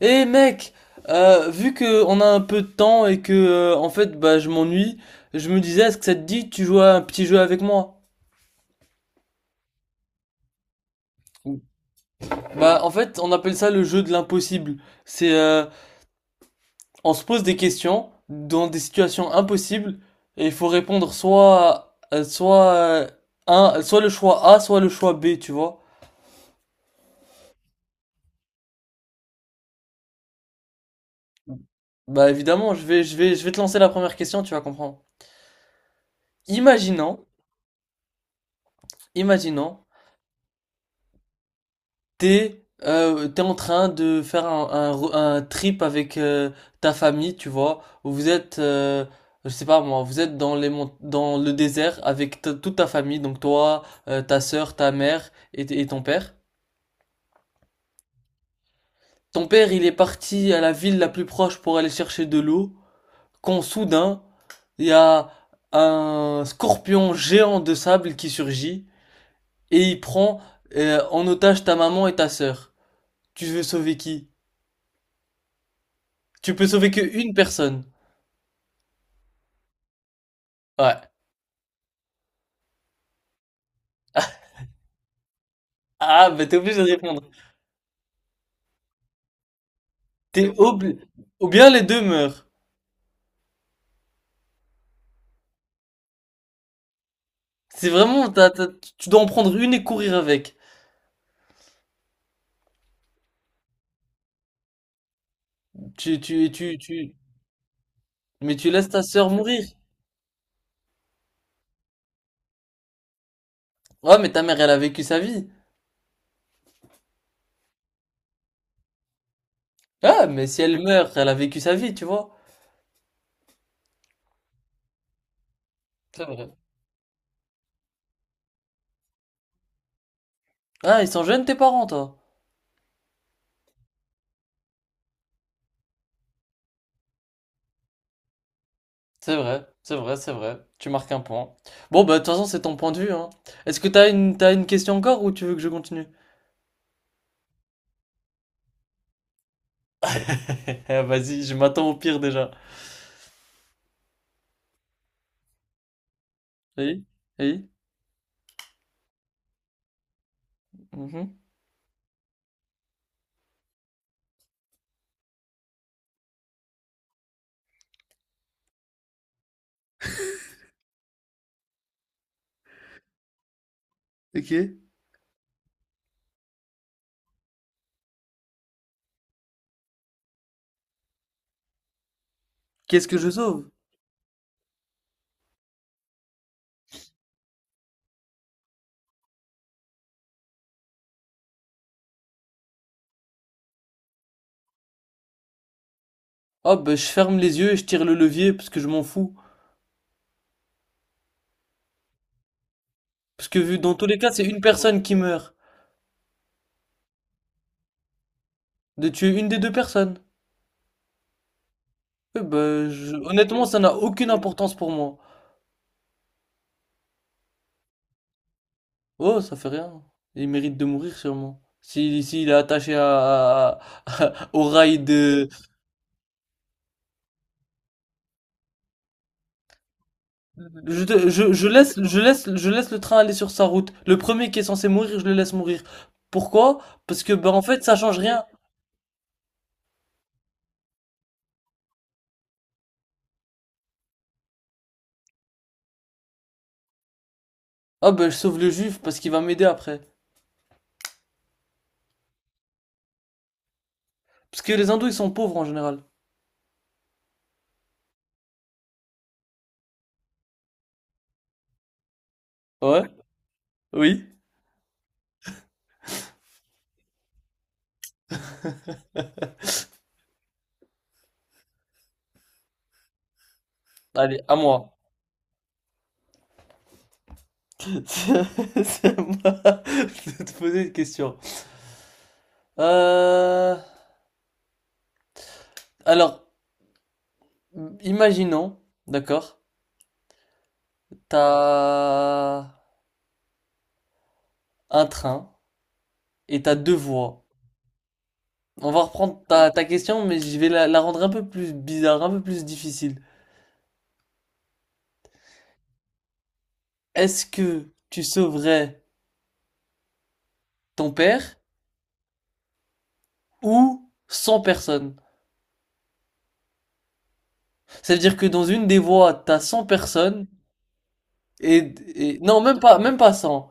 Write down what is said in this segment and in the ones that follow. Eh mec, vu que on a un peu de temps et que en fait bah je m'ennuie, je me disais est-ce que ça te dit que tu joues à un petit jeu avec moi? Bah en fait on appelle ça le jeu de l'impossible. C'est on se pose des questions dans des situations impossibles et il faut répondre soit un soit le choix A soit le choix B tu vois. Bah évidemment je vais te lancer la première question tu vas comprendre. Imaginons imaginons t'es t'es en train de faire un trip avec ta famille, tu vois, où vous êtes, je sais pas moi, vous êtes dans dans le désert avec toute ta famille, donc toi, ta sœur, ta mère et ton père. Ton père, il est parti à la ville la plus proche pour aller chercher de l'eau, quand soudain, il y a un scorpion géant de sable qui surgit et il prend en otage ta maman et ta sœur. Tu veux sauver qui? Tu peux sauver que une personne. Ouais. Ah, bah t'es obligé de répondre. T'es obli... Ou bien les deux meurent. C'est vraiment, tu dois en prendre une et courir avec. Tu, tu, tu, tu... Mais tu laisses ta sœur mourir. Ouais, mais ta mère, elle a vécu sa vie. Ah, mais si elle meurt, elle a vécu sa vie, tu vois. C'est vrai. Ah, ils sont jeunes tes parents, toi. C'est vrai. Tu marques un point. Bon, bah de toute façon, c'est ton point de vue, hein. Est-ce que t'as une question encore ou tu veux que je continue? Ah, vas-y, je m'attends au pire déjà. Oui? Oui? Mhm. Ok. Qu'est-ce que je sauve? Oh, ben, je ferme les yeux et je tire le levier parce que je m'en fous. Parce que vu dans tous les cas, c'est une personne qui meurt. De tuer une des deux personnes. Eh ben, honnêtement, ça n'a aucune importance pour moi. Oh, ça fait rien. Il mérite de mourir sûrement. Si, s'il est attaché à, au rail de... Je je laisse le train aller sur sa route. Le premier qui est censé mourir, je le laisse mourir. Pourquoi? Parce que, ben, en fait, ça change rien. Ah, ben, je sauve le juif parce qu'il va m'aider après. Parce que les hindous, ils sont pauvres en général. Ouais? Oui? Allez, à moi. C'est à moi de te poser une question. Euh, alors, imaginons, d'accord, t'as un train et t'as deux voies. On va reprendre ta question, mais je vais la rendre un peu plus bizarre, un peu plus difficile. Est-ce que tu sauverais ton père ou cent personnes? Ça veut dire que dans une des voies, t'as 100 personnes non, même pas 100.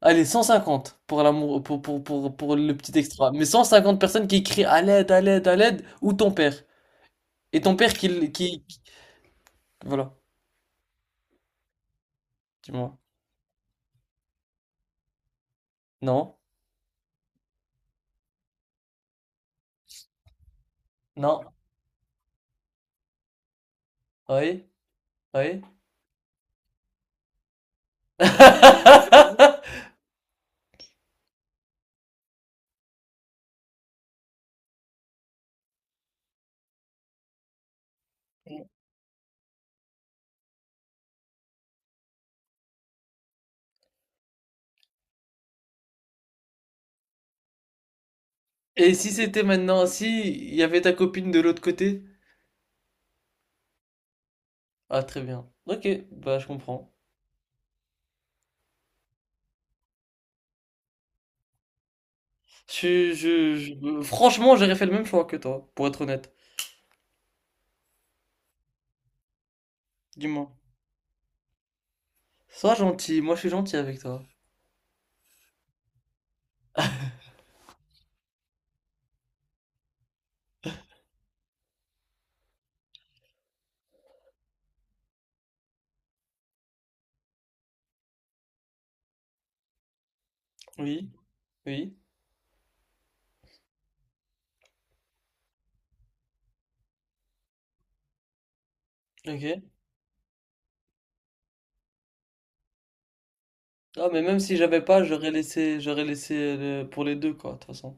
Allez, 150 pour l'amour, pour le petit extra. Mais 150 personnes qui crient à l'aide, à l'aide, à l'aide, ou ton père. Et ton père qui, l- qui- voilà, dis-moi. Non, non, oui, oui. Et si c'était maintenant, si il y avait ta copine de l'autre côté? Ah, très bien. Ok, bah je comprends. Franchement, j'aurais fait le même choix que toi, pour être honnête. Dis-moi. Sois gentil, moi je suis gentil avec toi. Oui, oui, ok. Ah, mais même si j'avais pas, j'aurais laissé pour les deux, quoi, de toute façon.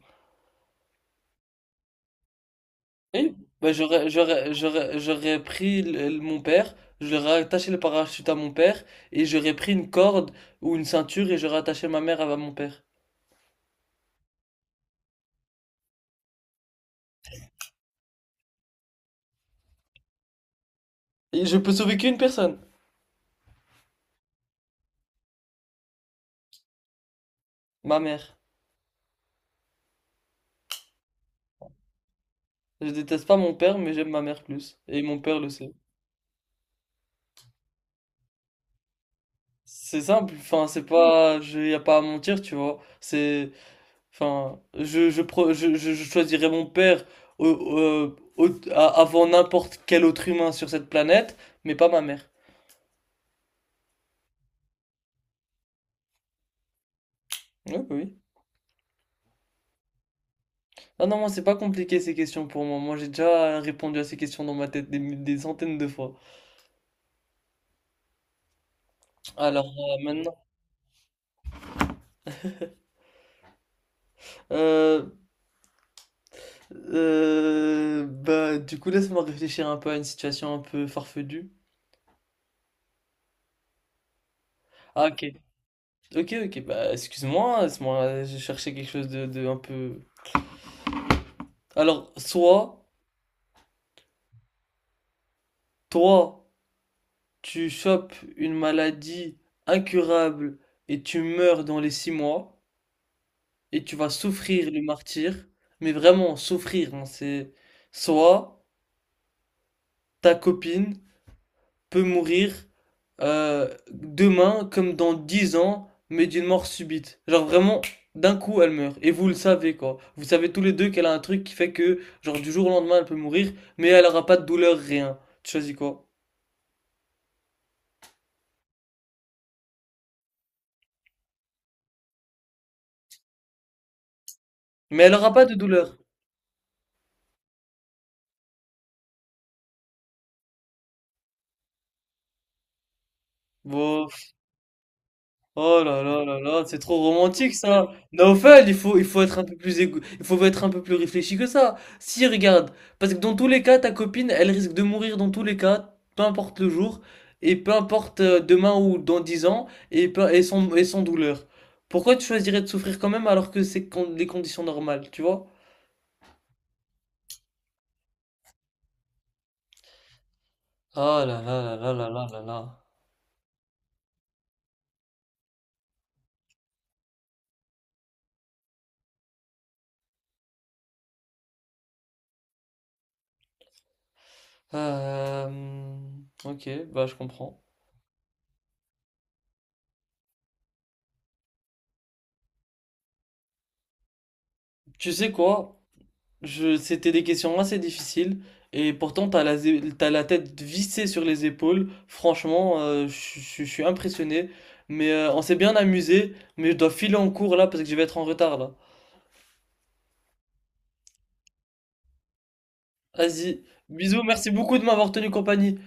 Oui, bah, j'aurais pris mon père, j'aurais attaché le parachute à mon père, et j'aurais pris une corde ou une ceinture et j'aurais attaché ma mère à mon père. Et je peux sauver qu'une personne, ma mère. Je déteste pas mon père, mais j'aime ma mère plus. Et mon père le sait. C'est simple, enfin, c'est pas, il y a pas à mentir, tu vois. C'est, enfin, je, pro- je choisirais mon père avant n'importe quel autre humain sur cette planète, mais pas ma mère. Oui, oui. Ah non, moi, c'est pas compliqué ces questions pour moi. Moi, j'ai déjà répondu à ces questions dans ma tête des centaines de fois. Alors, maintenant, euh, bah, du coup, laisse-moi réfléchir un peu à une situation un peu farfetue. Ah, ok. Ok, ok, bah, excuse-moi, laisse-moi, je cherchais quelque chose de un peu. Alors, soit, toi, tu chopes une maladie incurable et tu meurs dans les six mois et tu vas souffrir le martyre, mais vraiment souffrir, hein, c'est soit ta copine peut mourir demain comme dans dix ans, mais d'une mort subite. Genre vraiment, d'un coup elle meurt et vous le savez quoi. Vous savez tous les deux qu'elle a un truc qui fait que genre du jour au lendemain elle peut mourir, mais elle aura pas de douleur, rien. Tu choisis quoi? Mais elle aura pas de douleur. Bon. Oh là là là là, c'est trop romantique ça. Naofel, il faut être un peu plus il faut être un peu plus réfléchi que ça. Si, regarde, parce que dans tous les cas, ta copine, elle risque de mourir dans tous les cas, peu importe le jour, et peu importe demain ou dans 10 ans, et sans douleur. Pourquoi tu choisirais de souffrir quand même alors que les conditions normales, tu vois? Oh là là là là là là là là. Euh, ok, bah je comprends. Tu sais quoi? C'était des questions assez difficiles et pourtant t'as t'as la tête vissée sur les épaules. Franchement, je suis impressionné. Mais on s'est bien amusé, mais je dois filer en cours là parce que je vais être en retard là. Vas-y, bisous, merci beaucoup de m'avoir tenu compagnie.